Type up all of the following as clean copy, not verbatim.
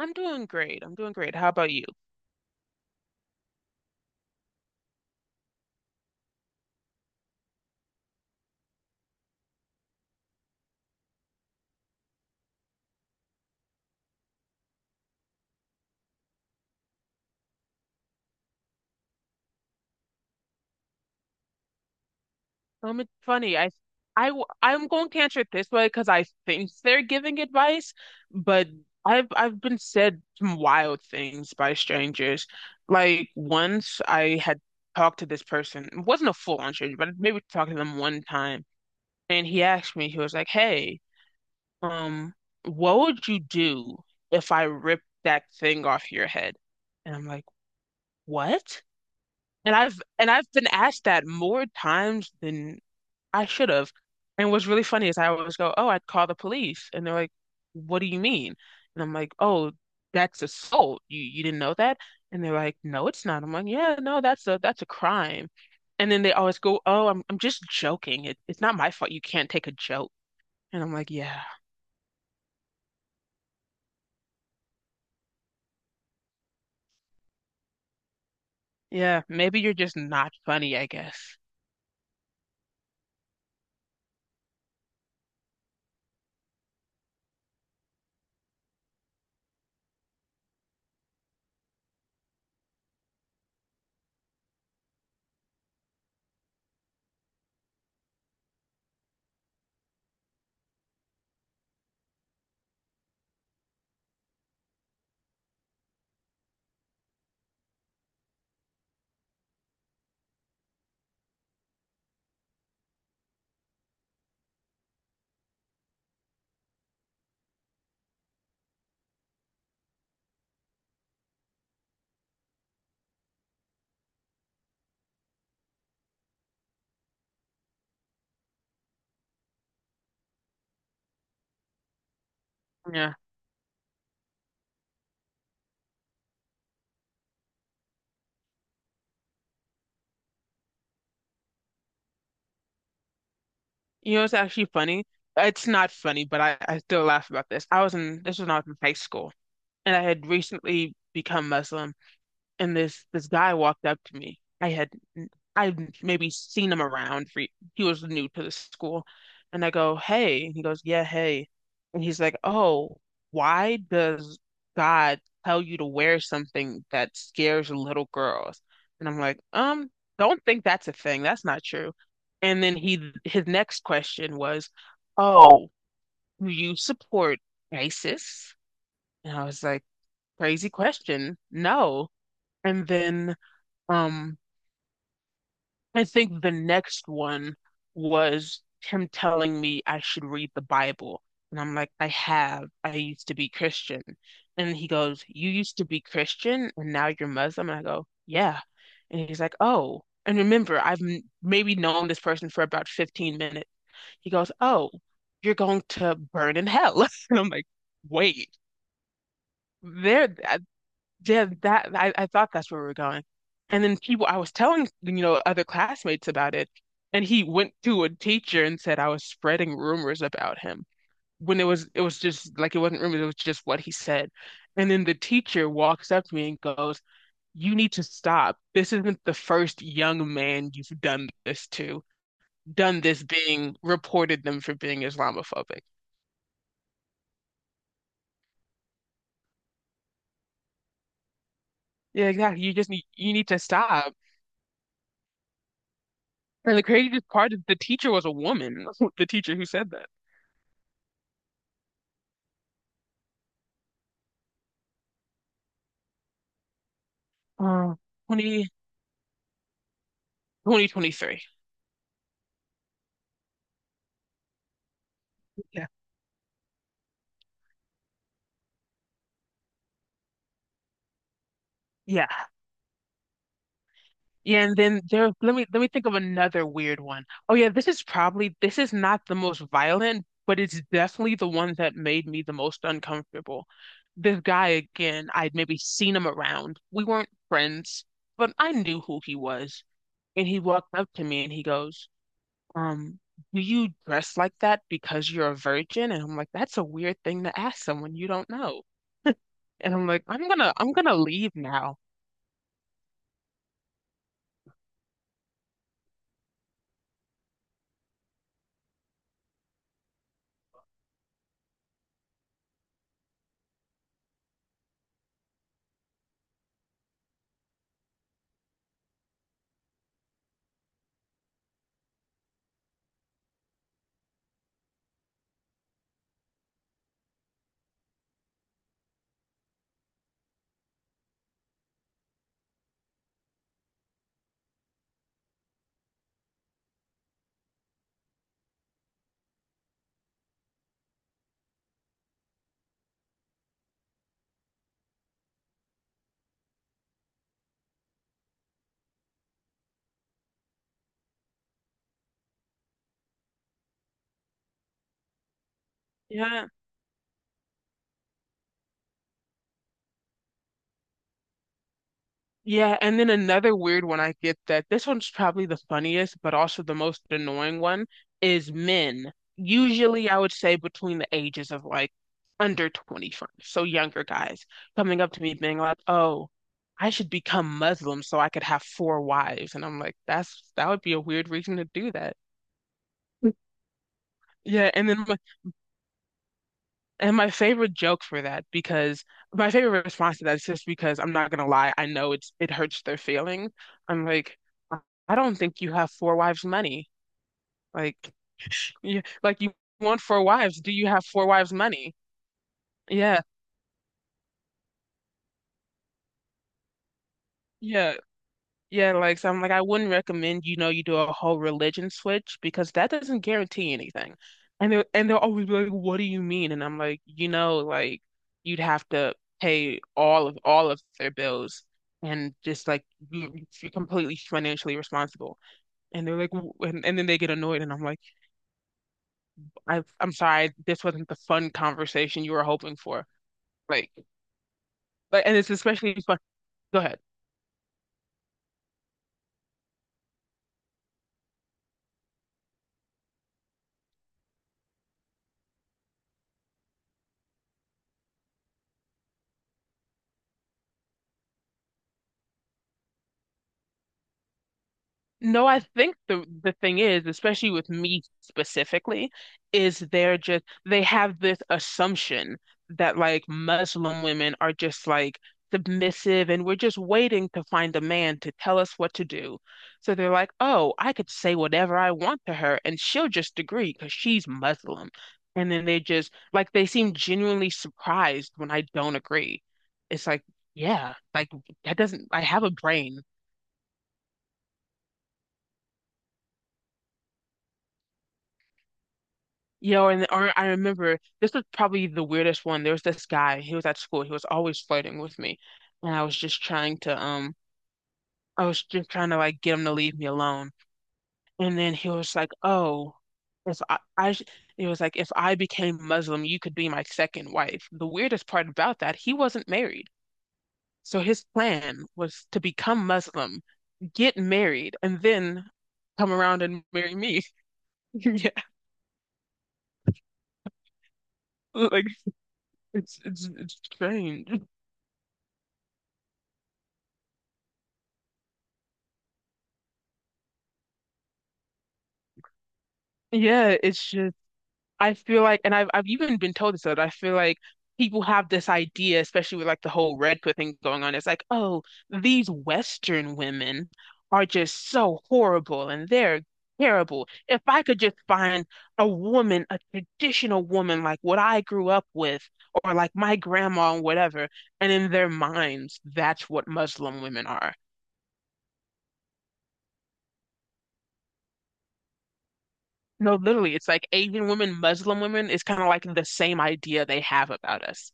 I'm doing great. I'm doing great. How about you? It's funny. I'm going to answer it this way because I think they're giving advice, but I've been said some wild things by strangers. Like once I had talked to this person. It wasn't a full-on stranger, but maybe talked to them one time, and he asked me. He was like, "Hey, um, what would you do if I ripped that thing off your head?" And I'm like, "What?" And I've been asked that more times than I should have. And what's really funny is I always go, "Oh, I'd call the police," and they're like, "What do you mean?" And I'm like, "Oh, that's assault. You didn't know that?" And they're like, "No, it's not." I'm like, "Yeah, no, that's a crime." And then they always go, "Oh, I'm just joking. It's not my fault. You can't take a joke." And I'm like, "Yeah, yeah, maybe you're just not funny, I guess." Yeah. You know, it's actually funny. It's not funny, but I still laugh about this. This was when I was in high school, and I had recently become Muslim, and this guy walked up to me. I'd maybe seen him around, for he was new to the school, and I go, "Hey," and he goes, "Yeah, hey," and he's like, "Oh, why does God tell you to wear something that scares little girls?" And I'm like, "Don't think that's a thing. That's not true." And then he his next question was, "Oh, do you support ISIS?" And I was like, "Crazy question. No." And then um, I think the next one was him telling me I should read the Bible. And I'm like, "I have. I used to be Christian." And he goes, "You used to be Christian and now you're Muslim?" And I go, "Yeah." And he's like, "Oh." And remember, I've m maybe known this person for about 15 minutes. He goes, "Oh, you're going to burn in hell." And I'm like, "Wait, there, yeah, that I thought that's where we were going." And then people, I was telling other classmates about it, and he went to a teacher and said I was spreading rumors about him. When it was just like it wasn't rumors, it was just what he said. And then the teacher walks up to me and goes, "You need to stop. This isn't the first young man you've done this to, done this being reported them for being Islamophobic." Yeah, exactly. You just need to stop. And the craziest part is the teacher was a woman, the teacher who said that. uh, 20, 2023. Yeah. Yeah. Yeah, and then there, let me think of another weird one. Oh yeah, this is not the most violent, but it's definitely the one that made me the most uncomfortable. This guy again, I'd maybe seen him around. We weren't friends, but I knew who he was. And he walked up to me and he goes, um, "Do you dress like that because you're a virgin?" And I'm like, "That's a weird thing to ask someone you don't know." And I'm like, I'm gonna leave now." Yeah. Yeah, and then another weird one I get that this one's probably the funniest, but also the most annoying one is men. Usually, I would say between the ages of like under 25, so younger guys coming up to me being like, "Oh, I should become Muslim so I could have four wives." And I'm like, "That would be a weird reason to do that." Yeah, and then and my favorite joke for that, because my favorite response to that is, just because I'm not gonna lie, I know it hurts their feelings. I'm like, I I don't think you have four wives' money. Like, you, like you want four wives. Do you have four wives' money?" Yeah, yeah. Yeah, like so I'm like I wouldn't recommend you do a whole religion switch because that doesn't guarantee anything. And they'll always be like, "What do you mean?" And I'm like, Like you'd have to pay all of their bills, and just like you're completely financially responsible." And they're like, "And then they get annoyed," and I'm like, I'm sorry, this wasn't the fun conversation you were hoping for." Like, but and it's especially fun. Go ahead. No, I think the thing is, especially with me specifically, is they have this assumption that like Muslim women are just like submissive, and we're just waiting to find a man to tell us what to do. So they're like, "Oh, I could say whatever I want to her and she'll just agree because she's Muslim." And then they just like they seem genuinely surprised when I don't agree. It's like, yeah, like that doesn't I have a brain. Yo, and or I remember this was probably the weirdest one. There was this guy, he was at school, he was always flirting with me. And I was just trying to like get him to leave me alone. And then he was like, "Oh, if I, I sh-" he was like, "If I became Muslim, you could be my second wife." The weirdest part about that, he wasn't married. So his plan was to become Muslim, get married, and then come around and marry me. Yeah, like it's strange. Yeah, it's just I feel like, and I've even been told this, that I feel like people have this idea, especially with like the whole red pill thing going on. It's like, "Oh, these Western women are just so horrible and they're terrible. If I could just find a woman, a traditional woman like what I grew up with, or like my grandma and whatever," and in their minds, that's what Muslim women are. No, literally, it's like Asian women, Muslim women is kind of like the same idea they have about us.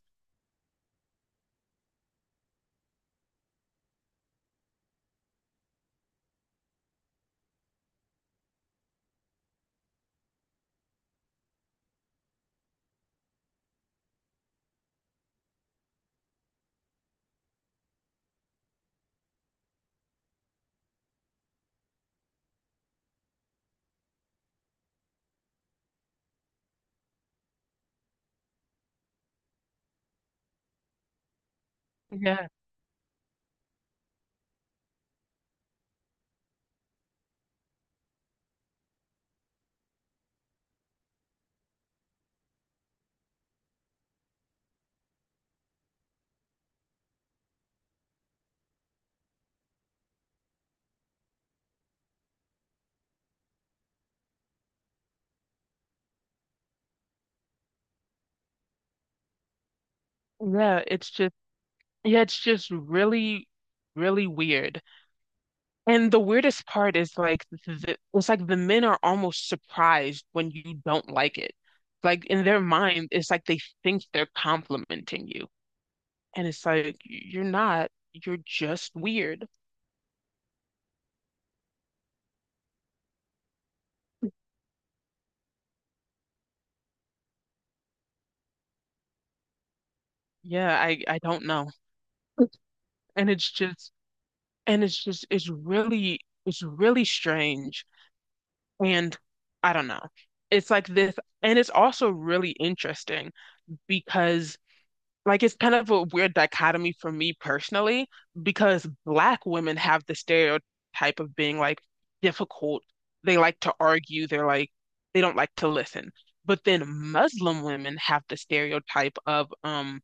Yeah, it's just really, really weird. And the weirdest part is it's like the men are almost surprised when you don't like it. Like in their mind, it's like they think they're complimenting you. And it's like you're not, you're just weird. Yeah, I don't know. And it's just and it's really strange. And I don't know. It's like this, and it's also really interesting because like it's kind of a weird dichotomy for me personally because black women have the stereotype of being like difficult. They like to argue, they don't like to listen. But then Muslim women have the stereotype of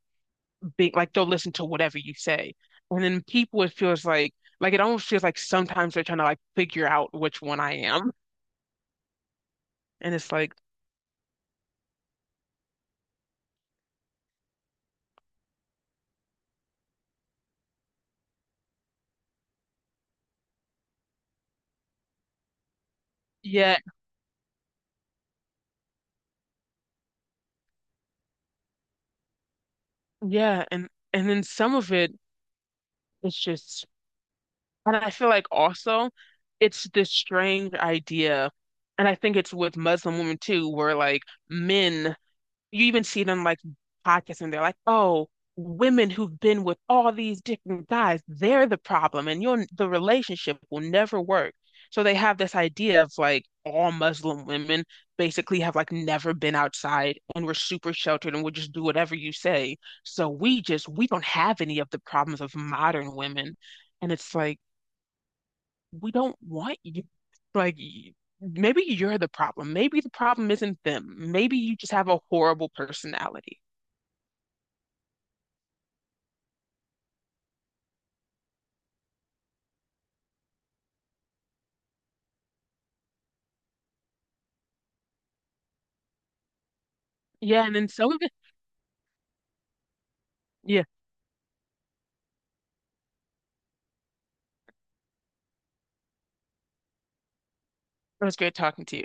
being like they'll listen to whatever you say. And then people it feels like, it almost feels like sometimes they're trying to like figure out which one I am. And it's like, yeah, yeah, and then some of it it's just. And I feel like also it's this strange idea, and I think it's with Muslim women too, where like men, you even see them like podcasts, and they're like, "Oh, women who've been with all these different guys, they're the problem, and your the relationship will never work." So they have this idea of like all Muslim women basically have like never been outside, and we're super sheltered, and we'll just do whatever you say. So we don't have any of the problems of modern women. And it's like we don't want you. Like, maybe you're the problem. Maybe the problem isn't them. Maybe you just have a horrible personality. Yeah, and then some of it, yeah, it was great talking to you.